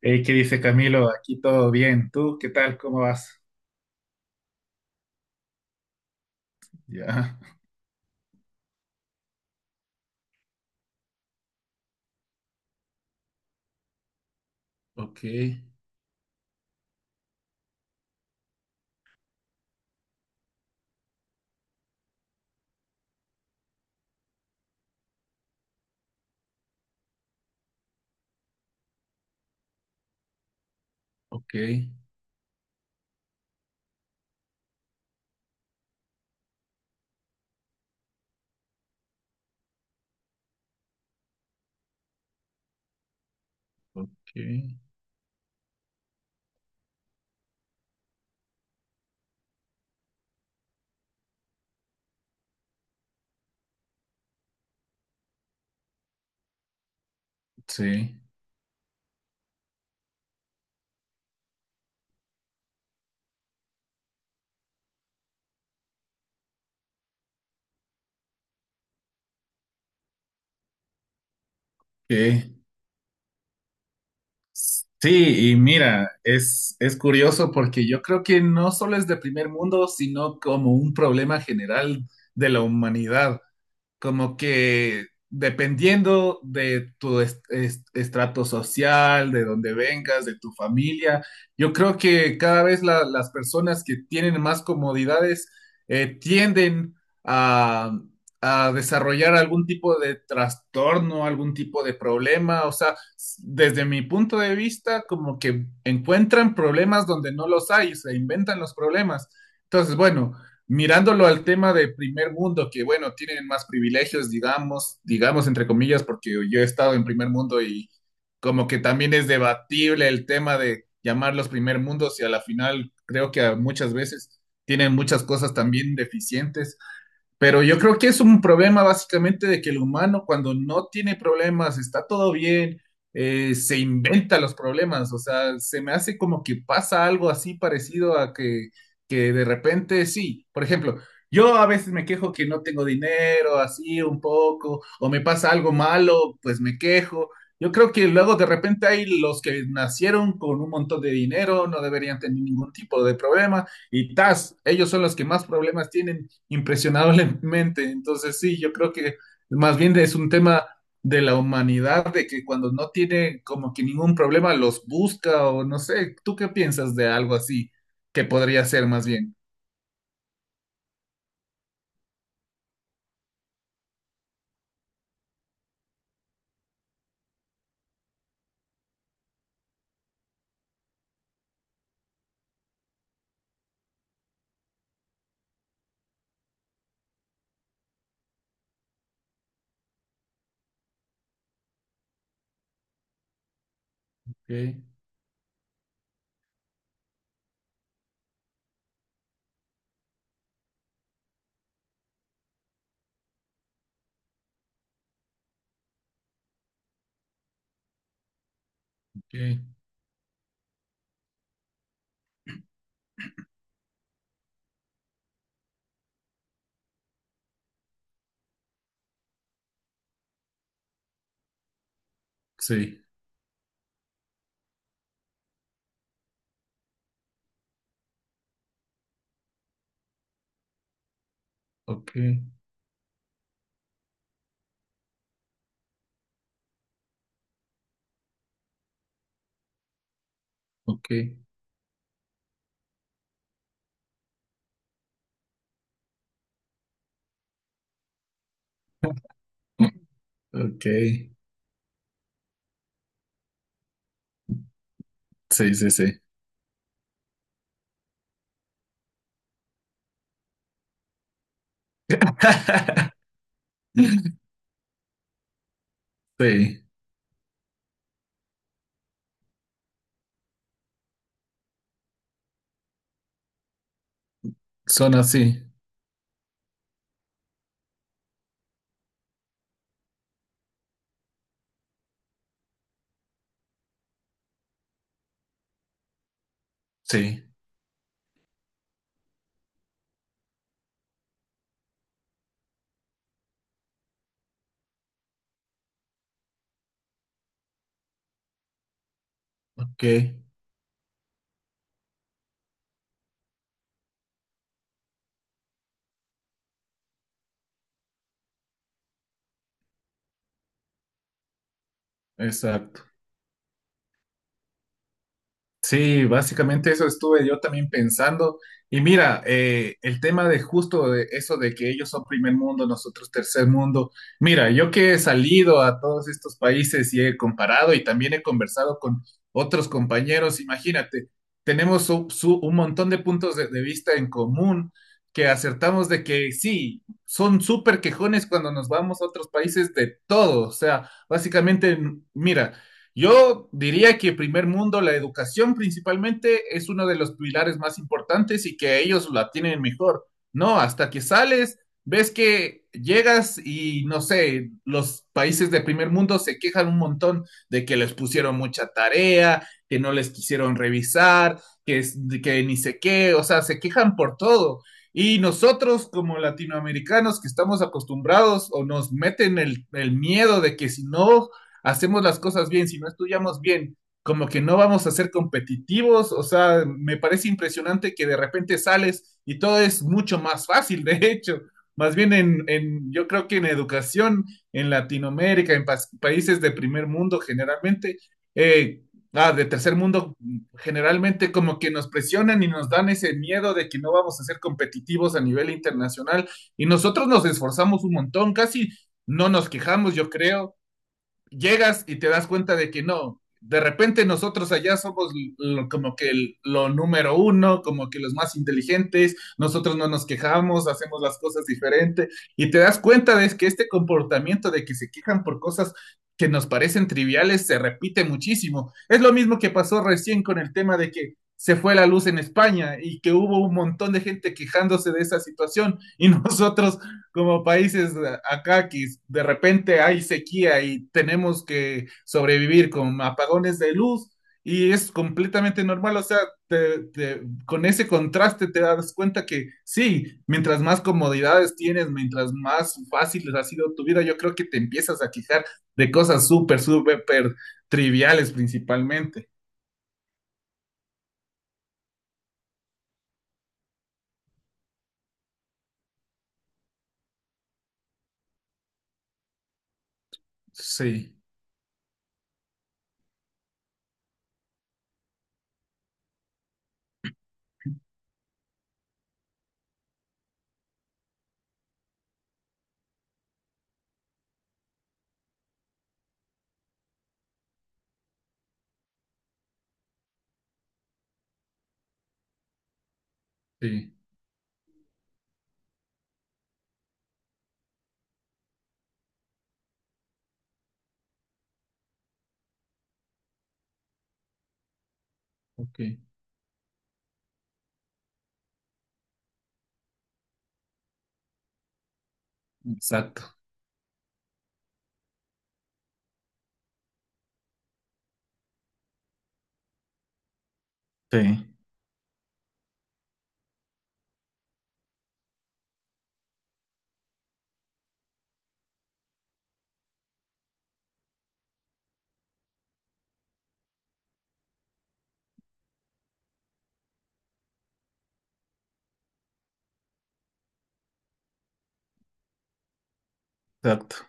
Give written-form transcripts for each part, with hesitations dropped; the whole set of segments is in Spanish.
Hey, ¿qué dice Camilo? Aquí todo bien. ¿Tú qué tal? ¿Cómo vas? Ya, ok, ok, ok. Sí, ok. Sí, y mira, es curioso porque yo creo que no solo es de primer mundo, sino como un problema general de la humanidad. Como que dependiendo de tu estrato social, de dónde vengas, de tu familia, yo creo que cada vez las personas que tienen más comodidades tienden a, a desarrollar algún tipo de trastorno, algún tipo de problema, o sea, desde mi punto de vista, como que encuentran problemas donde no los hay, se inventan los problemas. Entonces, bueno, mirándolo al tema de primer mundo, que bueno, tienen más privilegios, digamos, digamos entre comillas, porque yo he estado en primer mundo y como que también es debatible el tema de llamarlos primer mundos, y a la final creo que a muchas veces tienen muchas cosas también deficientes, pero yo creo que es un problema básicamente de que el humano cuando no tiene problemas, está todo bien, se inventa los problemas. O sea, se me hace como que pasa algo así parecido a que de repente sí. Por ejemplo, yo a veces me quejo que no tengo dinero, así un poco, o me pasa algo malo, pues me quejo. Yo creo que luego de repente hay los que nacieron con un montón de dinero, no deberían tener ningún tipo de problema, y tas, ellos son los que más problemas tienen impresionablemente. Entonces, sí, yo creo que más bien es un tema de la humanidad, de que cuando no tiene como que ningún problema los busca, o no sé, ¿tú qué piensas de algo así que podría ser más bien? Okay, okay. Sí, okay, okay, okay. Sí, sí, sí. Sí, son así, sí, ok, exacto. Sí, básicamente eso estuve yo también pensando. Y mira, el tema de justo de eso de que ellos son primer mundo, nosotros tercer mundo. Mira, yo que he salido a todos estos países y he comparado y también he conversado con otros compañeros, imagínate, tenemos un montón de puntos de vista en común que acertamos de que sí, son súper quejones cuando nos vamos a otros países de todo. O sea, básicamente, mira. Yo diría que primer mundo, la educación principalmente es uno de los pilares más importantes y que ellos la tienen mejor. No, hasta que sales, ves que llegas y no sé, los países de primer mundo se quejan un montón de que les pusieron mucha tarea, que no les quisieron revisar, que, que ni sé qué, o sea, se quejan por todo. Y nosotros como latinoamericanos que estamos acostumbrados, o nos meten el miedo de que si no hacemos las cosas bien, si no estudiamos bien, como que no vamos a ser competitivos, o sea, me parece impresionante que de repente sales y todo es mucho más fácil, de hecho. Más bien en yo creo que en educación, en Latinoamérica, en países de primer mundo generalmente, eh, ah, de tercer mundo, generalmente como que nos presionan y nos dan ese miedo de que no vamos a ser competitivos a nivel internacional. Y nosotros nos esforzamos un montón, casi no nos quejamos, yo creo, llegas y te das cuenta de que no, de repente nosotros allá somos lo, como que el, lo número uno, como que los más inteligentes, nosotros no nos quejamos, hacemos las cosas diferentes, y te das cuenta de que este comportamiento de que se quejan por cosas que nos parecen triviales se repite muchísimo. Es lo mismo que pasó recién con el tema de que se fue la luz en España y que hubo un montón de gente quejándose de esa situación, y nosotros como países acá que de repente hay sequía y tenemos que sobrevivir con apagones de luz y es completamente normal, o sea, con ese contraste te das cuenta que sí, mientras más comodidades tienes, mientras más fácil ha sido tu vida, yo creo que te empiezas a quejar de cosas súper, súper triviales principalmente. Sí, sí, ok, exacto. Sí, exacto.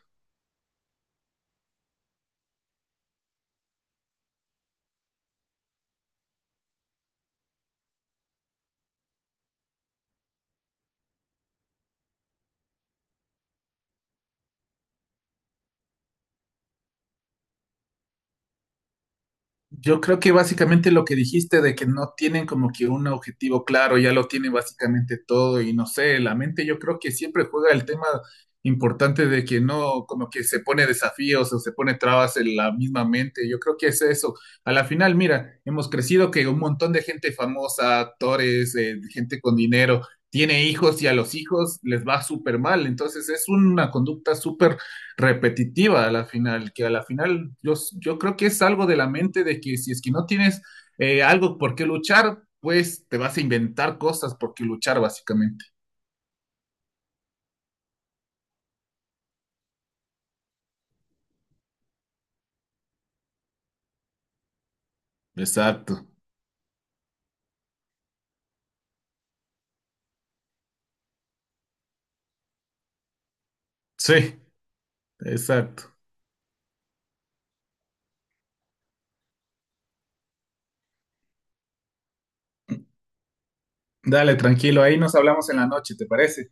Yo creo que básicamente lo que dijiste de que no tienen como que un objetivo claro, ya lo tienen básicamente todo, y no sé, la mente yo creo que siempre juega el tema importante de que no, como que se pone desafíos o se pone trabas en la misma mente, yo creo que es eso. A la final, mira, hemos crecido que un montón de gente famosa, actores, gente con dinero, tiene hijos y a los hijos les va súper mal, entonces es una conducta súper repetitiva a la final, que a la final yo creo que es algo de la mente de que si es que no tienes algo por qué luchar, pues te vas a inventar cosas por qué luchar básicamente. Exacto. Sí, exacto. Dale, tranquilo, ahí nos hablamos en la noche, ¿te parece?